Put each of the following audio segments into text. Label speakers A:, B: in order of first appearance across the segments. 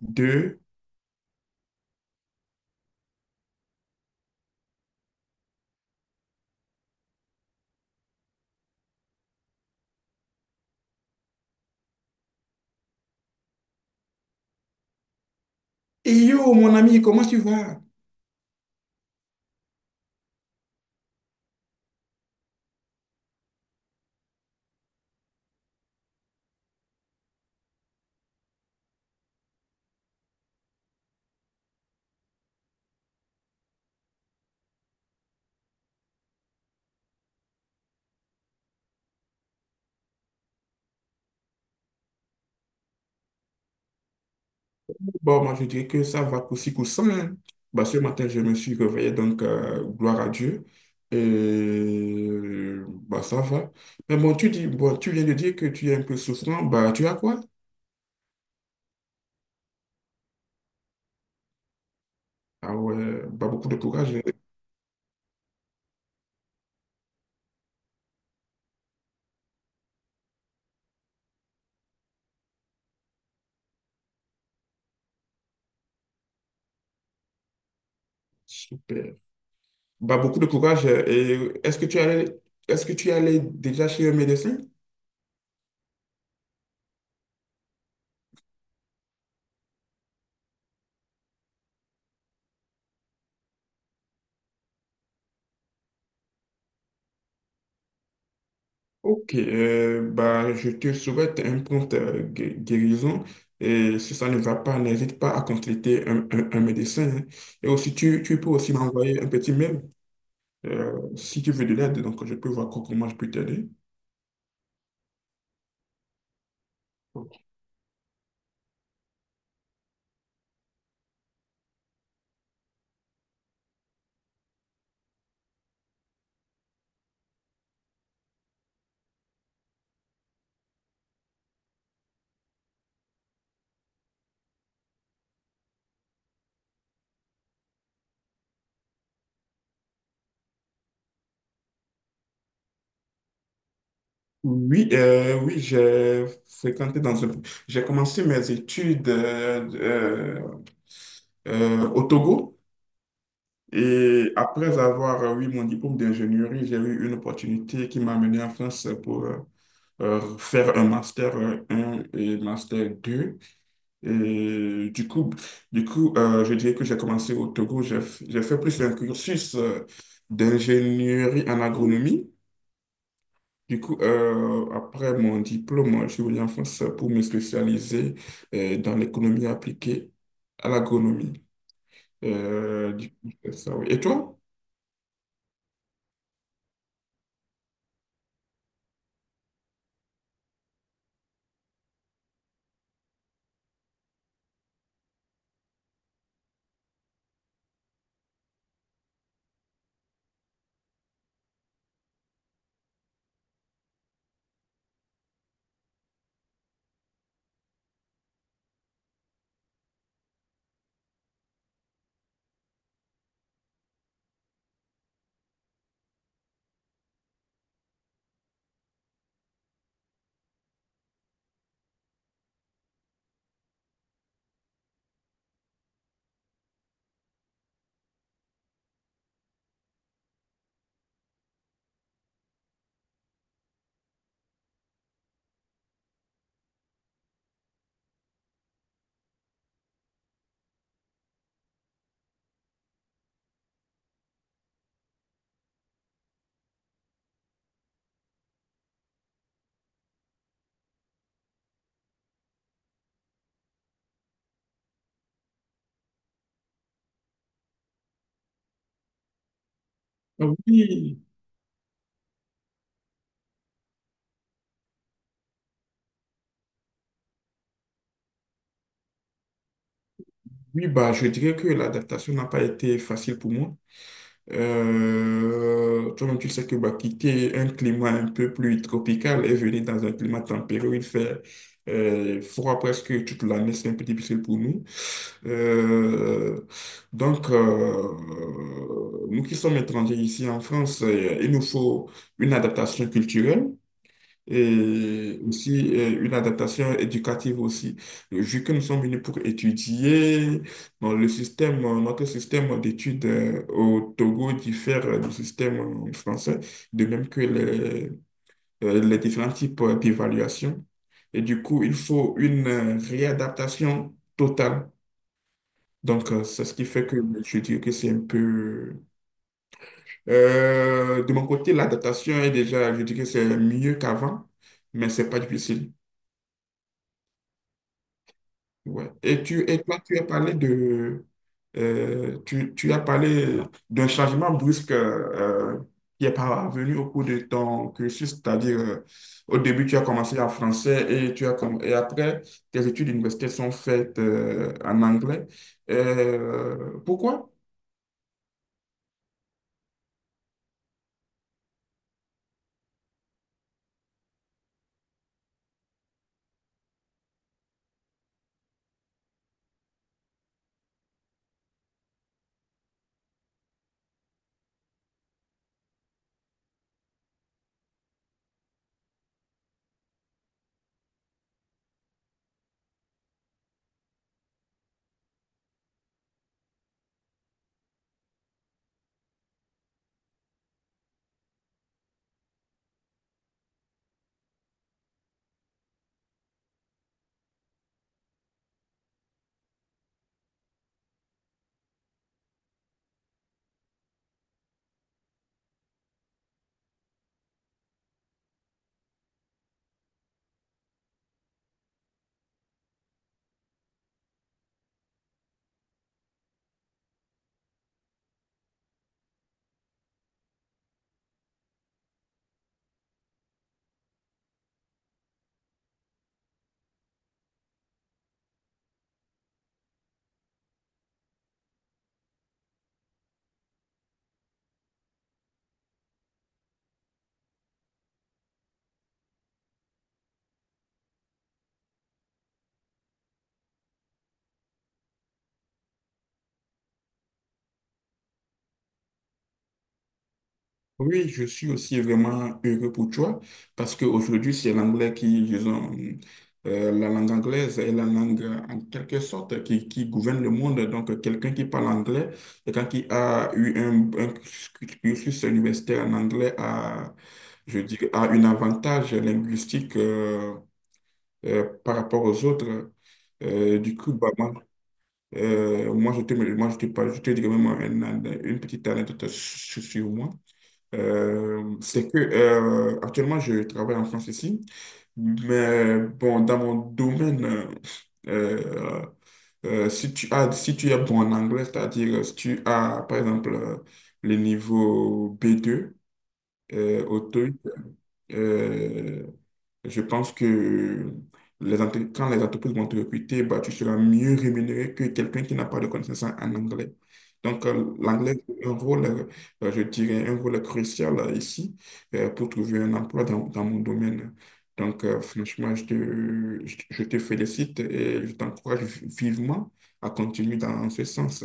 A: De et yo, mon ami, comment tu vas ?» Bon, moi, je dirais que ça va aussi coussi coussa, hein. Bah, ce matin, je me suis réveillé, donc gloire à Dieu. Et bah, ça va. Mais bon, tu dis, bon, tu viens de dire que tu es un peu souffrant. Bah, tu as quoi? Ah ouais, bah, beaucoup de courage, hein. Super. Bah, beaucoup de courage. Et est-ce que tu allais déjà chez un médecin? Ok, bah, je te souhaite un prompt guérison. Et si ça ne va pas, n'hésite pas à consulter un médecin, hein. Et aussi, tu peux aussi m'envoyer un petit mail si tu veux de l'aide. Donc, je peux voir comment je peux t'aider. Oui, oui, j'ai fréquenté dans un... J'ai commencé mes études au Togo et après avoir eu mon diplôme d'ingénierie, j'ai eu une opportunité qui m'a amené en France pour faire un master un et master deux. Et du coup, du coup, je dirais que j'ai commencé au Togo, j'ai fait plus un cursus d'ingénierie en agronomie. Du coup, après mon diplôme, je suis venu en France pour me spécialiser dans l'économie appliquée à l'agronomie. Du coup, c'est ça, oui. Et toi? Ah oui, oui, bah, je dirais que l'adaptation n'a pas été facile pour moi. Toi-même, tu sais que bah, quitter un climat un peu plus tropical et venir dans un climat tempéré où il fait froid presque toute l'année, c'est un peu difficile pour nous. Euh, donc, euh, nous qui sommes étrangers ici en France, il nous faut une adaptation culturelle et aussi une adaptation éducative aussi. Vu que nous sommes venus pour étudier, bon, notre système d'études au Togo diffère du système français, de même que les différents types d'évaluation. Et du coup, il faut une réadaptation totale. Donc, c'est ce qui fait que je dis que c'est un peu... de mon côté, l'adaptation est déjà, je dis que c'est mieux qu'avant, mais c'est pas difficile. Ouais. Et, et toi, tu as parlé de... tu as parlé d'un changement brusque qui est parvenu au cours de ton cursus, c'est-à-dire au début, tu as commencé en français et après, tes études universitaires sont faites en anglais. Pourquoi? Oui, je suis aussi vraiment heureux pour toi parce qu'aujourd'hui, c'est l'anglais qui, disons, la langue anglaise est la langue en quelque sorte qui gouverne le monde. Donc, quelqu'un qui parle anglais, quelqu'un qui a eu un cursus universitaire en anglais a, je dis a un avantage linguistique par rapport aux autres. Du coup, bah, moi, je te dirais même une petite anecdote sur sur moi. C'est que actuellement je travaille en France ici, mais bon, dans mon domaine, euh, si tu as, si tu es bon en anglais, c'est-à-dire si tu as par exemple le niveau b deux au TOEIC, je pense que quand les entreprises vont te recruter, bah, tu seras mieux rémunéré que quelqu'un qui n'a pas de connaissances en anglais. Donc, l'anglais joue un rôle, je dirais, un rôle crucial ici pour trouver un emploi dans, dans mon domaine. Donc, franchement, je te félicite et je t'encourage vivement à continuer dans ce sens.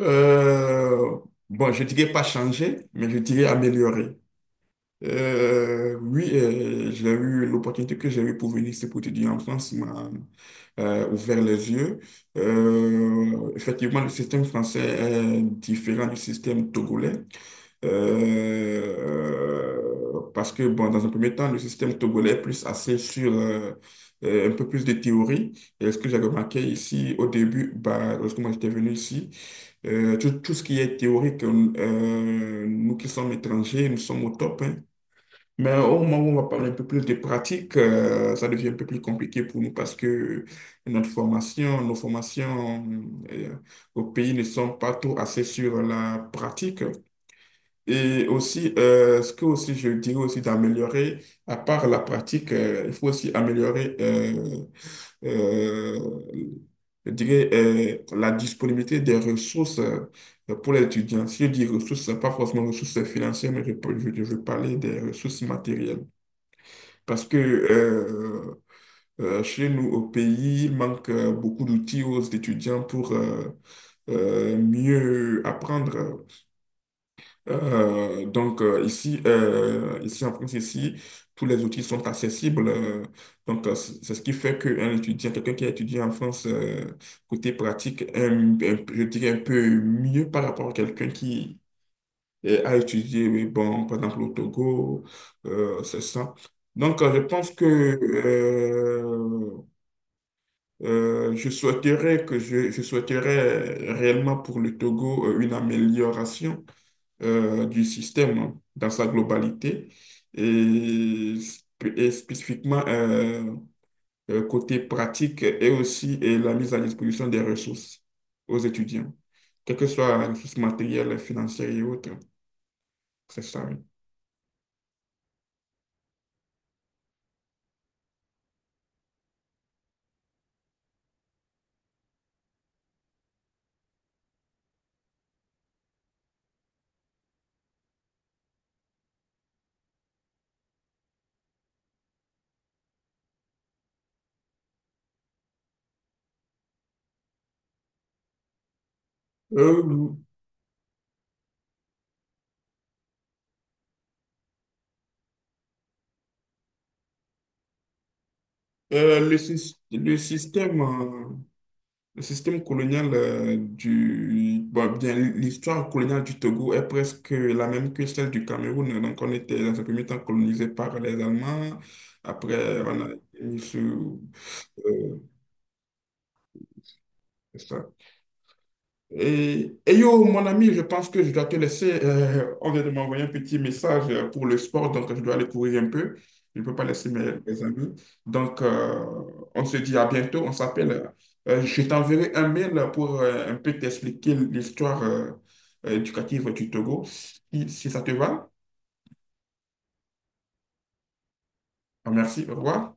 A: Euh, bon, je dirais pas changer, mais je dirais améliorer. Oui, j'ai eu l'opportunité que j'ai eue pour venir ici pour étudier en France m'a ouvert les yeux. Effectivement, le système français est différent du système togolais. Parce que, bon, dans un premier temps, le système togolais est plus axé sur un peu plus de théorie. Et ce que j'ai remarqué ici au début, bah, lorsque moi j'étais venu ici, tout, tout ce qui est théorique, nous qui sommes étrangers, nous sommes au top, hein. Mais au moment où on va parler un peu plus de pratique, ça devient un peu plus compliqué pour nous parce que nos formations euh, au pays ne sont pas trop assez sur la pratique. Et aussi, ce que aussi je dirais aussi d'améliorer, à part la pratique, il faut aussi améliorer euh, je dirais, la disponibilité des ressources pour les étudiants. Si je dis ressources, pas forcément ressources financières, mais je veux parler des ressources matérielles. Parce que chez nous, au pays, il manque beaucoup d'outils aux étudiants pour mieux apprendre. Donc ici en France, ici, tous les outils sont accessibles. Donc c'est ce qui fait qu'un étudiant, quelqu'un qui a étudié en France, côté pratique, je dirais un peu mieux par rapport à quelqu'un qui et à étudier, oui, bon, par exemple, au Togo, c'est ça. Donc, je souhaiterais que je souhaiterais réellement pour le Togo une amélioration du système dans sa globalité et, et spécifiquement côté pratique et aussi et la mise à disposition des ressources aux étudiants, quelles que soient les ressources matérielles, financières et autres. C'est ça, oui. Euh, euh, le, sys- le système, euh, le système colonial du... Bon, bien, l'histoire coloniale du Togo est presque la même que celle du Cameroun. Donc, on était dans un premier temps colonisé par les Allemands. Après, on a été mis sous... euh, ça. Et yo, mon ami, je pense que je dois te laisser. Euh, on vient de m'envoyer un petit message pour le sport, donc je dois aller courir un peu. Je ne peux pas laisser mes amis. Donc, on se dit à bientôt. On s'appelle. Je t'enverrai un mail pour un peu t'expliquer l'histoire éducative du Togo. Si, si ça te va. Ah, merci. Au revoir.